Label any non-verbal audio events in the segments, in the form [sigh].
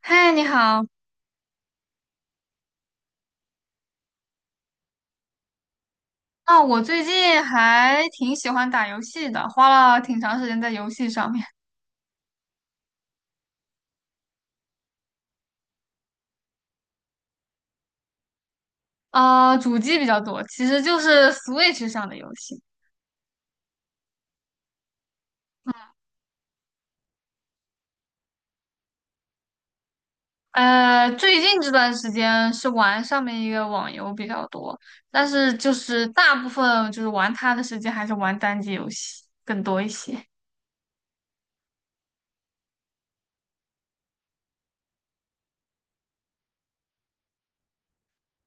嗨，你好。啊，我最近还挺喜欢打游戏的，花了挺长时间在游戏上面。主机比较多，其实就是 Switch 上的游戏。最近这段时间是玩上面一个网游比较多，但是就是大部分就是玩它的时间还是玩单机游戏更多一些。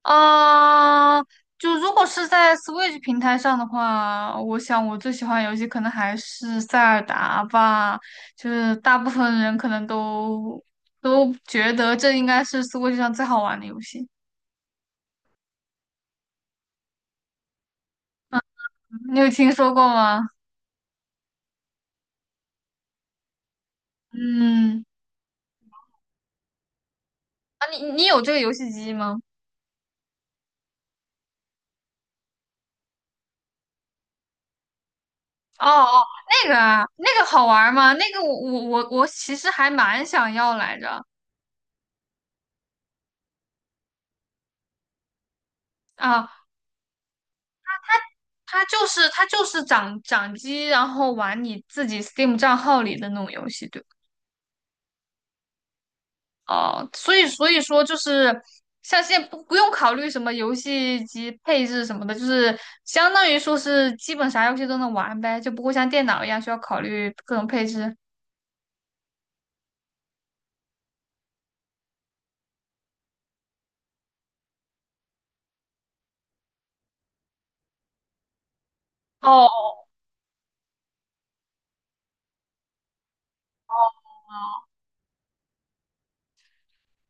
啊，就如果是在 Switch 平台上的话，我想我最喜欢的游戏可能还是塞尔达吧。就是大部分人可能都觉得这应该是 Switch 上最好玩的游戏。你有听说过吗？嗯，啊，你有这个游戏机吗？哦哦，那个啊，那个好玩吗？那个我其实还蛮想要来着啊，它就是掌机，然后玩你自己 Steam 账号里的那种游戏，对吧？哦，所以说就是像现在不用考虑什么游戏机配置什么的，就是相当于说是基本啥游戏都能玩呗，就不会像电脑一样需要考虑各种配置。哦，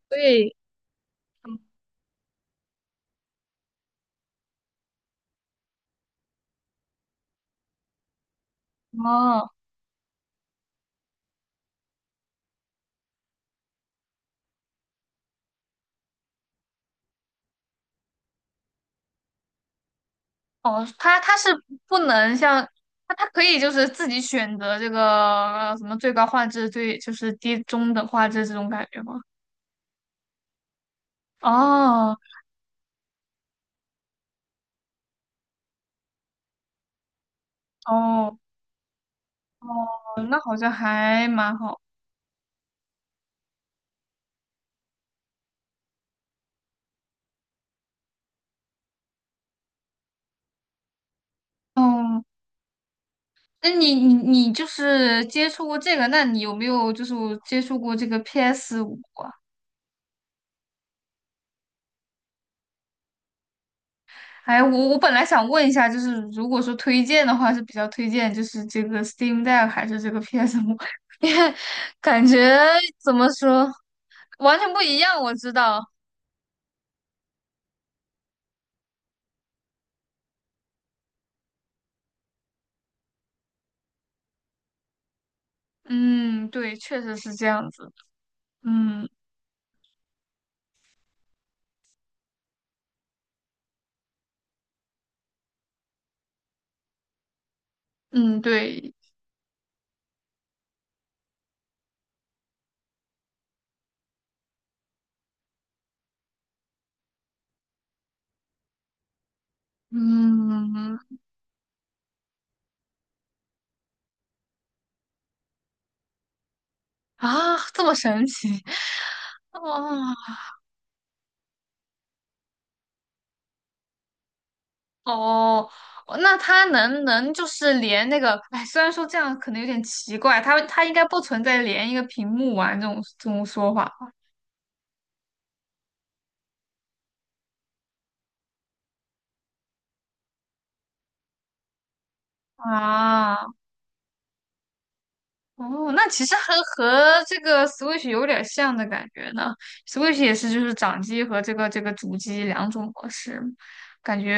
对，哦哦，它是不能像它可以就是自己选择这个什么最高画质、最就是低中等画质这种感觉吗？哦。哦哦，那好像还蛮好。哦，那你就是接触过这个，那你有没有就是接触过这个 PS 五啊？哎，我本来想问一下，就是如果说推荐的话，是比较推荐就是这个 Steam Deck 还是这个 PS5？[laughs] 感觉怎么说完全不一样，我知道。嗯，对，确实是这样子。嗯嗯，对，嗯啊，这么神奇。[laughs] 哦，哦，哦那他能就是连那个，哎，虽然说这样可能有点奇怪，他应该不存在连一个屏幕玩这种说法啊。哦，那其实和这个 Switch 有点像的感觉呢。Switch 也是就是掌机和这个主机两种模式，感觉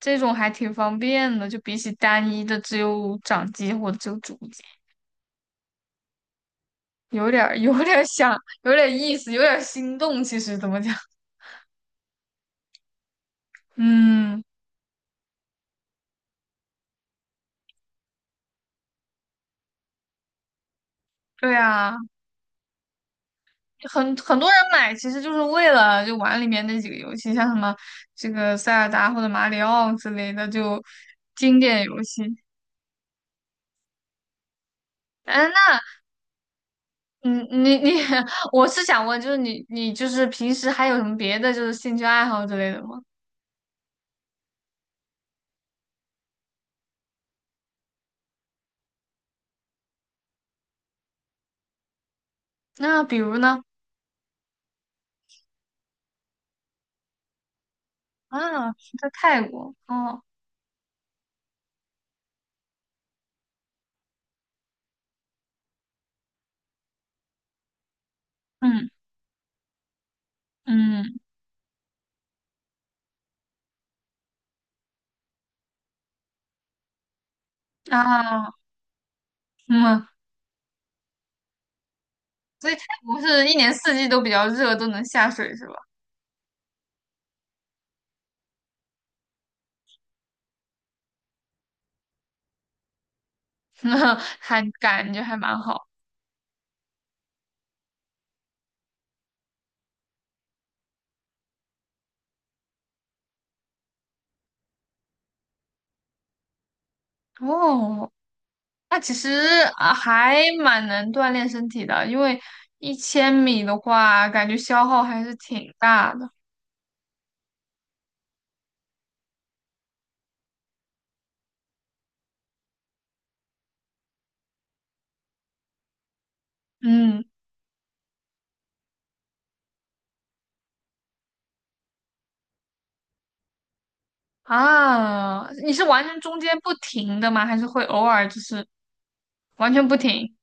这种还挺方便的，就比起单一的只有掌机或者只有主机，有点儿想，有点意思，有点儿心动。其实怎么讲？嗯，对啊，很多人买其实就是为了就玩里面那几个游戏，像什么这个塞尔达或者马里奥之类的，就经典游戏。哎，那嗯，[laughs] 我是想问，就是你就是平时还有什么别的就是兴趣爱好之类的吗？那比如呢？啊，在泰国哦，嗯嗯啊嗯，所以泰国是一年四季都比较热，都能下水是吧？[laughs] 那还感觉还蛮好。哦，那其实啊还蛮能锻炼身体的，因为1000米的话，感觉消耗还是挺大的。嗯啊，你是完全中间不停的吗？还是会偶尔就是完全不停？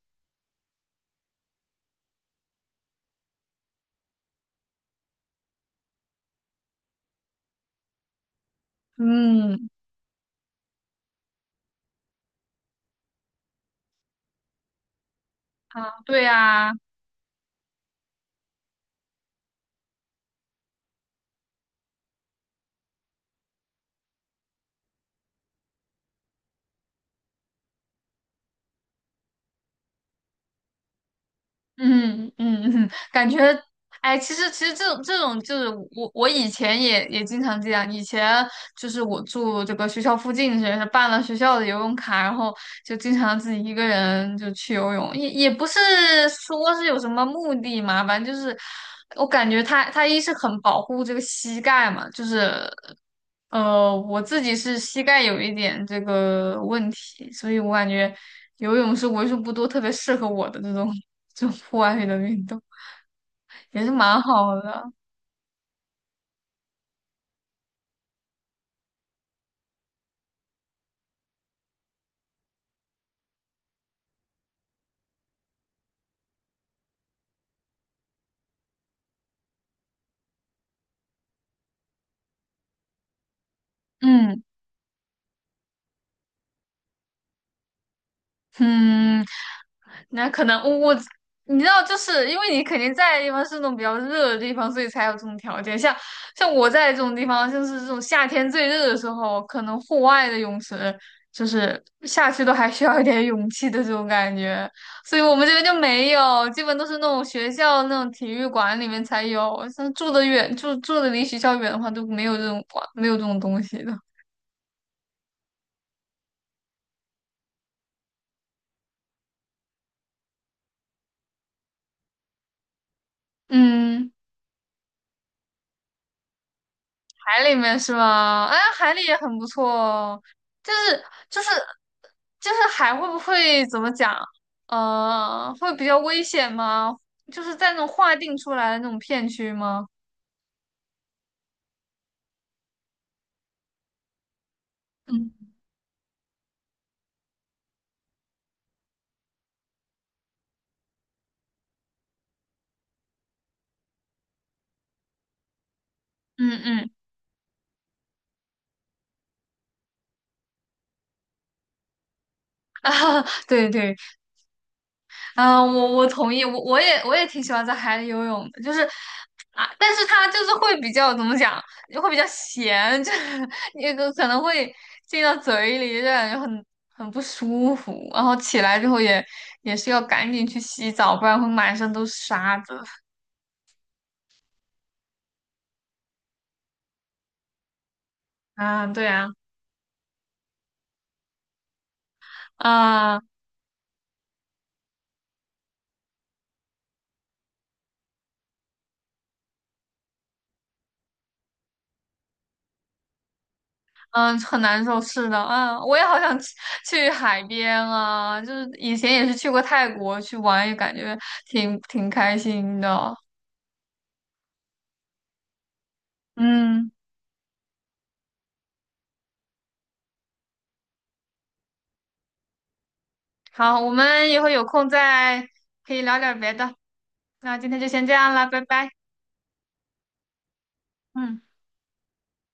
嗯啊，对呀、嗯嗯嗯，感觉，哎，其实这种就是我以前也经常这样，以前就是我住这个学校附近，是办了学校的游泳卡，然后就经常自己一个人就去游泳，也不是说是有什么目的嘛，反正就是我感觉他一是很保护这个膝盖嘛，就是我自己是膝盖有一点这个问题，所以我感觉游泳是为数不多特别适合我的这种 [laughs] 这种户外的运动，也是蛮好的。嗯嗯，那可能我你知道，就是因为你肯定在的地方是那种比较热的地方，所以才有这种条件。像我在这种地方，就是这种夏天最热的时候，可能户外的泳池就是下去都还需要一点勇气的这种感觉，所以我们这边就没有，基本都是那种学校那种体育馆里面才有。像住的远，住的离学校远的话，都没有这种馆，没有这种东西的。嗯。海里面是吗？哎，海里也很不错哦。就是就是就是海会不会怎么讲？会比较危险吗？就是在那种划定出来的那种片区吗？嗯嗯嗯 [laughs] 啊，对对，嗯，我同意，我也挺喜欢在海里游泳的，就是啊，但是它就是会比较怎么讲，会比较咸，就是那个可能会进到嘴里，就感觉很不舒服，然后起来之后也是要赶紧去洗澡，不然会满身都是沙子。啊，对啊，啊嗯，很难受，是的，啊，我也好想去海边啊，就是以前也是去过泰国去玩，也感觉挺开心的，嗯。好，我们以后有空再可以聊点别的。那今天就先这样了，拜拜。嗯。